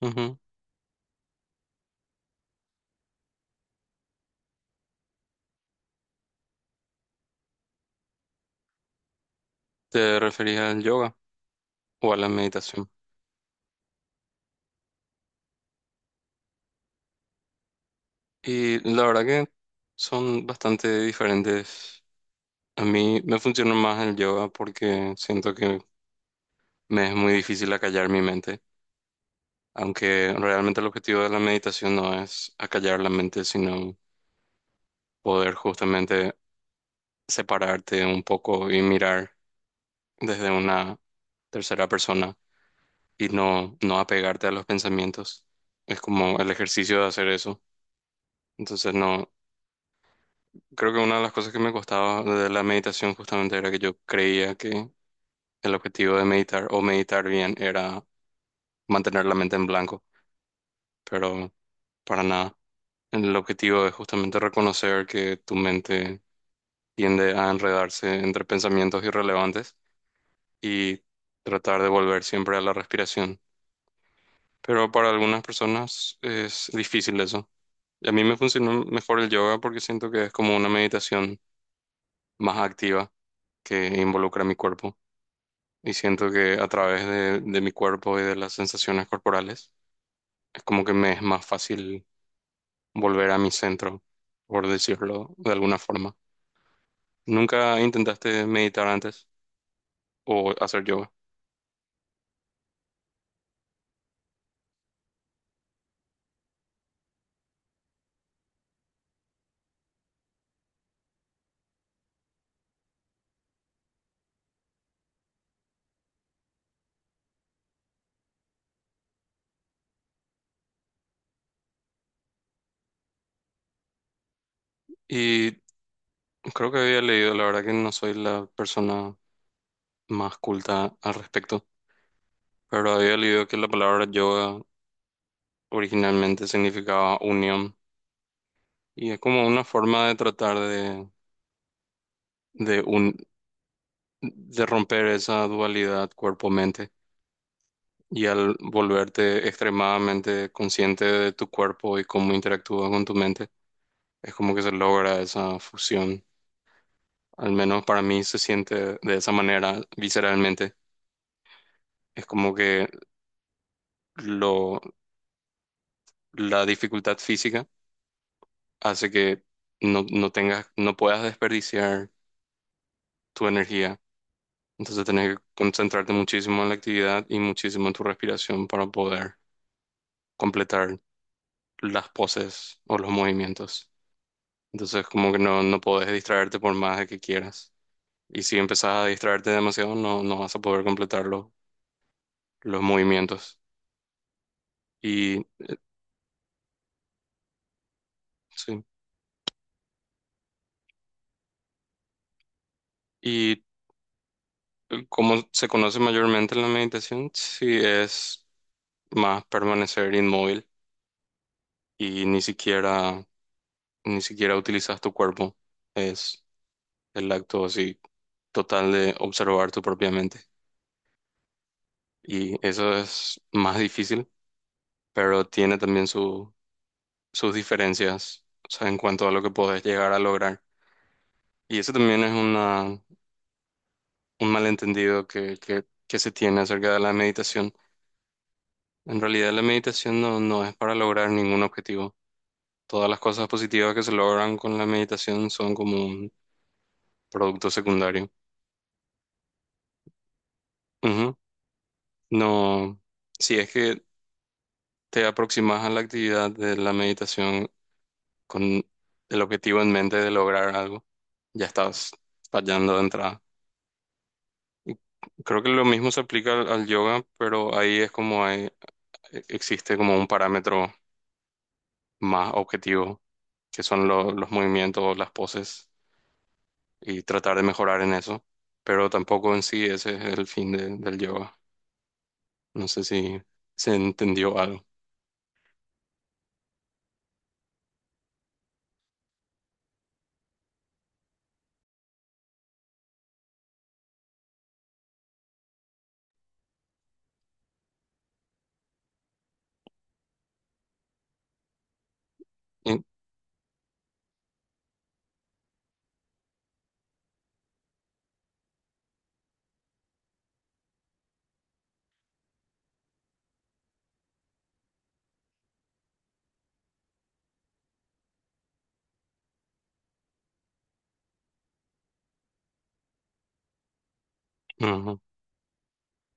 Ujú. ¿Te referís al yoga o a la meditación? Y la verdad que son bastante diferentes. A mí me funciona más el yoga porque siento que me es muy difícil acallar mi mente, aunque realmente el objetivo de la meditación no es acallar la mente, sino poder justamente separarte un poco y mirar desde una tercera persona y no apegarte a los pensamientos. Es como el ejercicio de hacer eso. Entonces no. Creo que una de las cosas que me costaba de la meditación justamente era que yo creía que el objetivo de meditar o meditar bien era mantener la mente en blanco, pero para nada. El objetivo es justamente reconocer que tu mente tiende a enredarse entre pensamientos irrelevantes y tratar de volver siempre a la respiración. Pero para algunas personas es difícil eso. Y a mí me funcionó mejor el yoga porque siento que es como una meditación más activa que involucra mi cuerpo. Y siento que a través de mi cuerpo y de las sensaciones corporales es como que me es más fácil volver a mi centro, por decirlo de alguna forma. ¿Nunca intentaste meditar antes o hacer yoga? Y creo que había leído, la verdad que no soy la persona más culta al respecto, pero había leído que la palabra yoga originalmente significaba unión, y es como una forma de tratar de, un, de romper esa dualidad cuerpo-mente. Y al volverte extremadamente consciente de tu cuerpo y cómo interactúa con tu mente, es como que se logra esa fusión. Al menos para mí se siente de esa manera visceralmente. Es como que lo, la dificultad física hace que no tengas, no puedas desperdiciar tu energía. Entonces tenés que concentrarte muchísimo en la actividad y muchísimo en tu respiración para poder completar las poses o los movimientos. Entonces como que no podés distraerte por más de que quieras. Y si empezás a distraerte demasiado, no vas a poder completar los movimientos. Y sí. ¿Y cómo se conoce mayormente la meditación? Sí, es más permanecer inmóvil y ni siquiera utilizas tu cuerpo. Es el acto así total de observar tu propia mente. Y eso es más difícil, pero tiene también sus diferencias, o sea, en cuanto a lo que podés llegar a lograr. Y eso también es un malentendido que se tiene acerca de la meditación. En realidad la meditación no es para lograr ningún objetivo. Todas las cosas positivas que se logran con la meditación son como un producto secundario. Ujú. No, si es que te aproximas a la actividad de la meditación con el objetivo en mente de lograr algo, ya estás fallando de entrada. Creo que lo mismo se aplica al yoga, pero ahí es como existe como un parámetro más objetivo, que son los movimientos, las poses, y tratar de mejorar en eso. Pero tampoco en sí ese es el fin del yoga. No sé si se entendió algo. Y- ujú.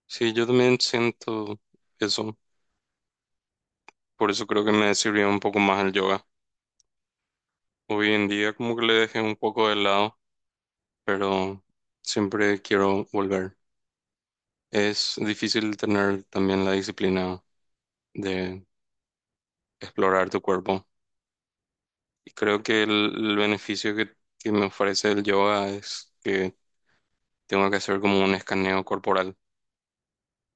Sí, yo también siento eso. Por eso creo que me sirvió un poco más el yoga. Hoy en día como que le dejé un poco de lado, pero siempre quiero volver. Es difícil tener también la disciplina de explorar tu cuerpo. Y creo que el beneficio que me ofrece el yoga es que tengo que hacer como un escaneo corporal.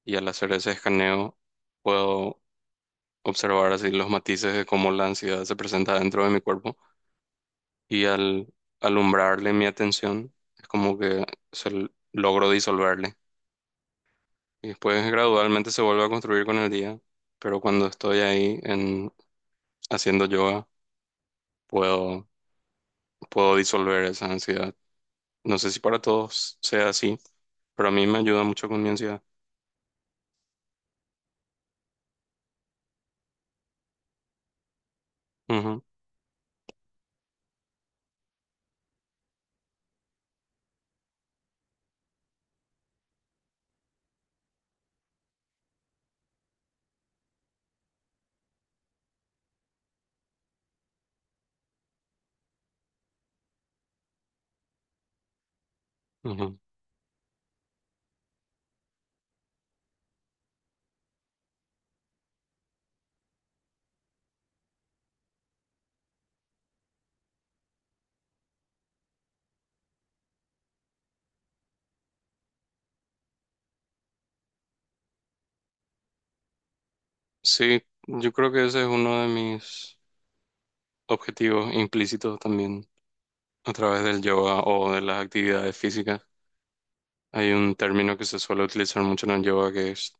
Y al hacer ese escaneo puedo observar así los matices de cómo la ansiedad se presenta dentro de mi cuerpo. Y al alumbrarle mi atención, es como que logro disolverle. Y después gradualmente se vuelve a construir con el día. Pero cuando estoy ahí haciendo yoga, puedo, puedo disolver esa ansiedad. No sé si para todos sea así, pero a mí me ayuda mucho con mi ansiedad. Ujú, ujú. Sí, yo creo que ese es uno de mis objetivos implícitos también a través del yoga o de las actividades físicas. Hay un término que se suele utilizar mucho en el yoga que es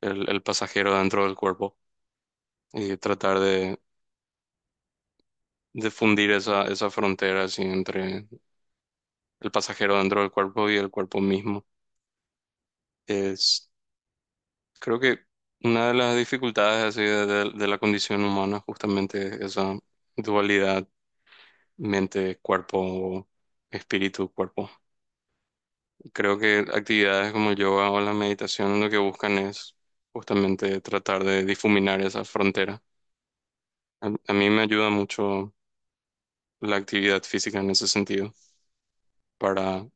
el pasajero dentro del cuerpo y tratar de fundir esa frontera así entre el pasajero dentro del cuerpo y el cuerpo mismo. Es Creo que una de las dificultades así de la condición humana, justamente esa dualidad mente-cuerpo, espíritu-cuerpo. Creo que actividades como el yoga o la meditación lo que buscan es justamente tratar de difuminar esa frontera. A mí me ayuda mucho la actividad física en ese sentido, para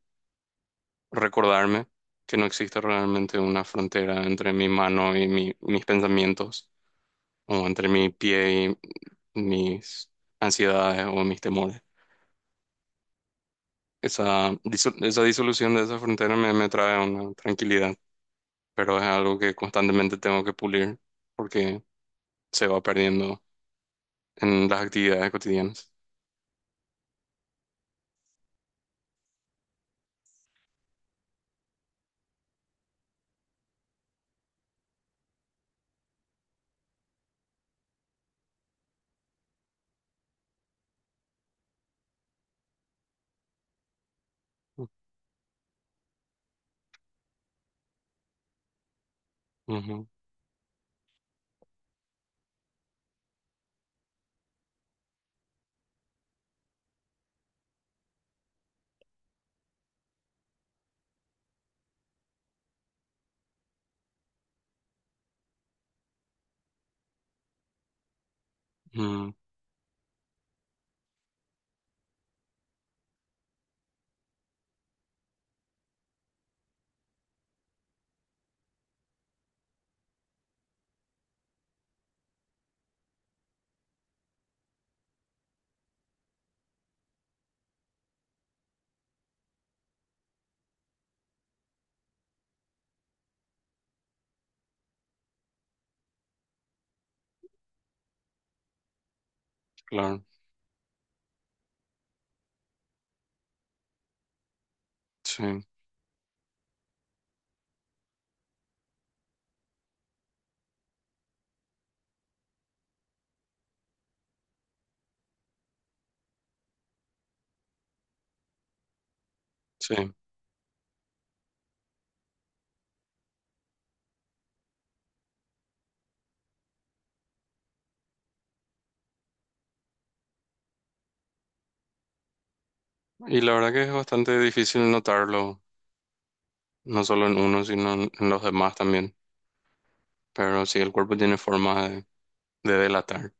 recordarme que no existe realmente una frontera entre mi mano y mis pensamientos, o entre mi pie, mis ansiedades o mis temores. Esa disolución de esa frontera me trae una tranquilidad, pero es algo que constantemente tengo que pulir porque se va perdiendo en las actividades cotidianas. Ujú, mm, claro, sí, sí. Y la verdad que es bastante difícil notarlo, no solo en uno, sino en los demás también. Pero sí, el cuerpo tiene forma de delatar.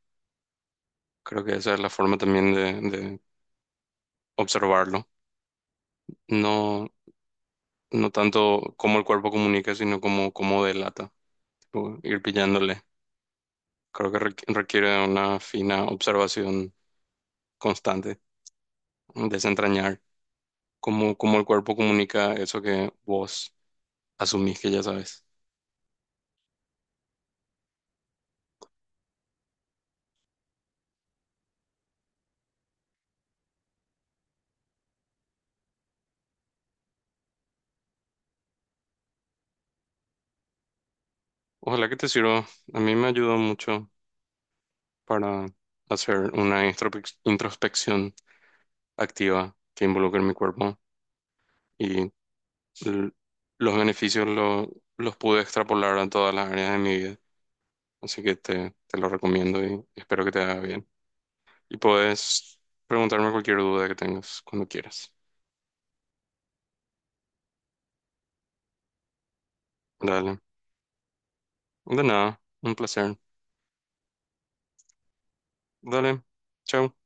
Creo que esa es la forma también de observarlo. No, no tanto cómo el cuerpo comunica, sino cómo delata, tipo, ir pillándole. Creo que requiere de una fina observación constante, desentrañar cómo el cuerpo comunica eso que vos asumís que ya sabes. Ojalá que te sirva. A mí me ayudó mucho para hacer una introspección activa que involucre mi cuerpo y l- los beneficios los pude extrapolar a todas las áreas de mi vida. Así que te lo recomiendo y espero que te haga bien. Y puedes preguntarme cualquier duda que tengas cuando quieras. Dale. De nada, un placer. Dale. Chao.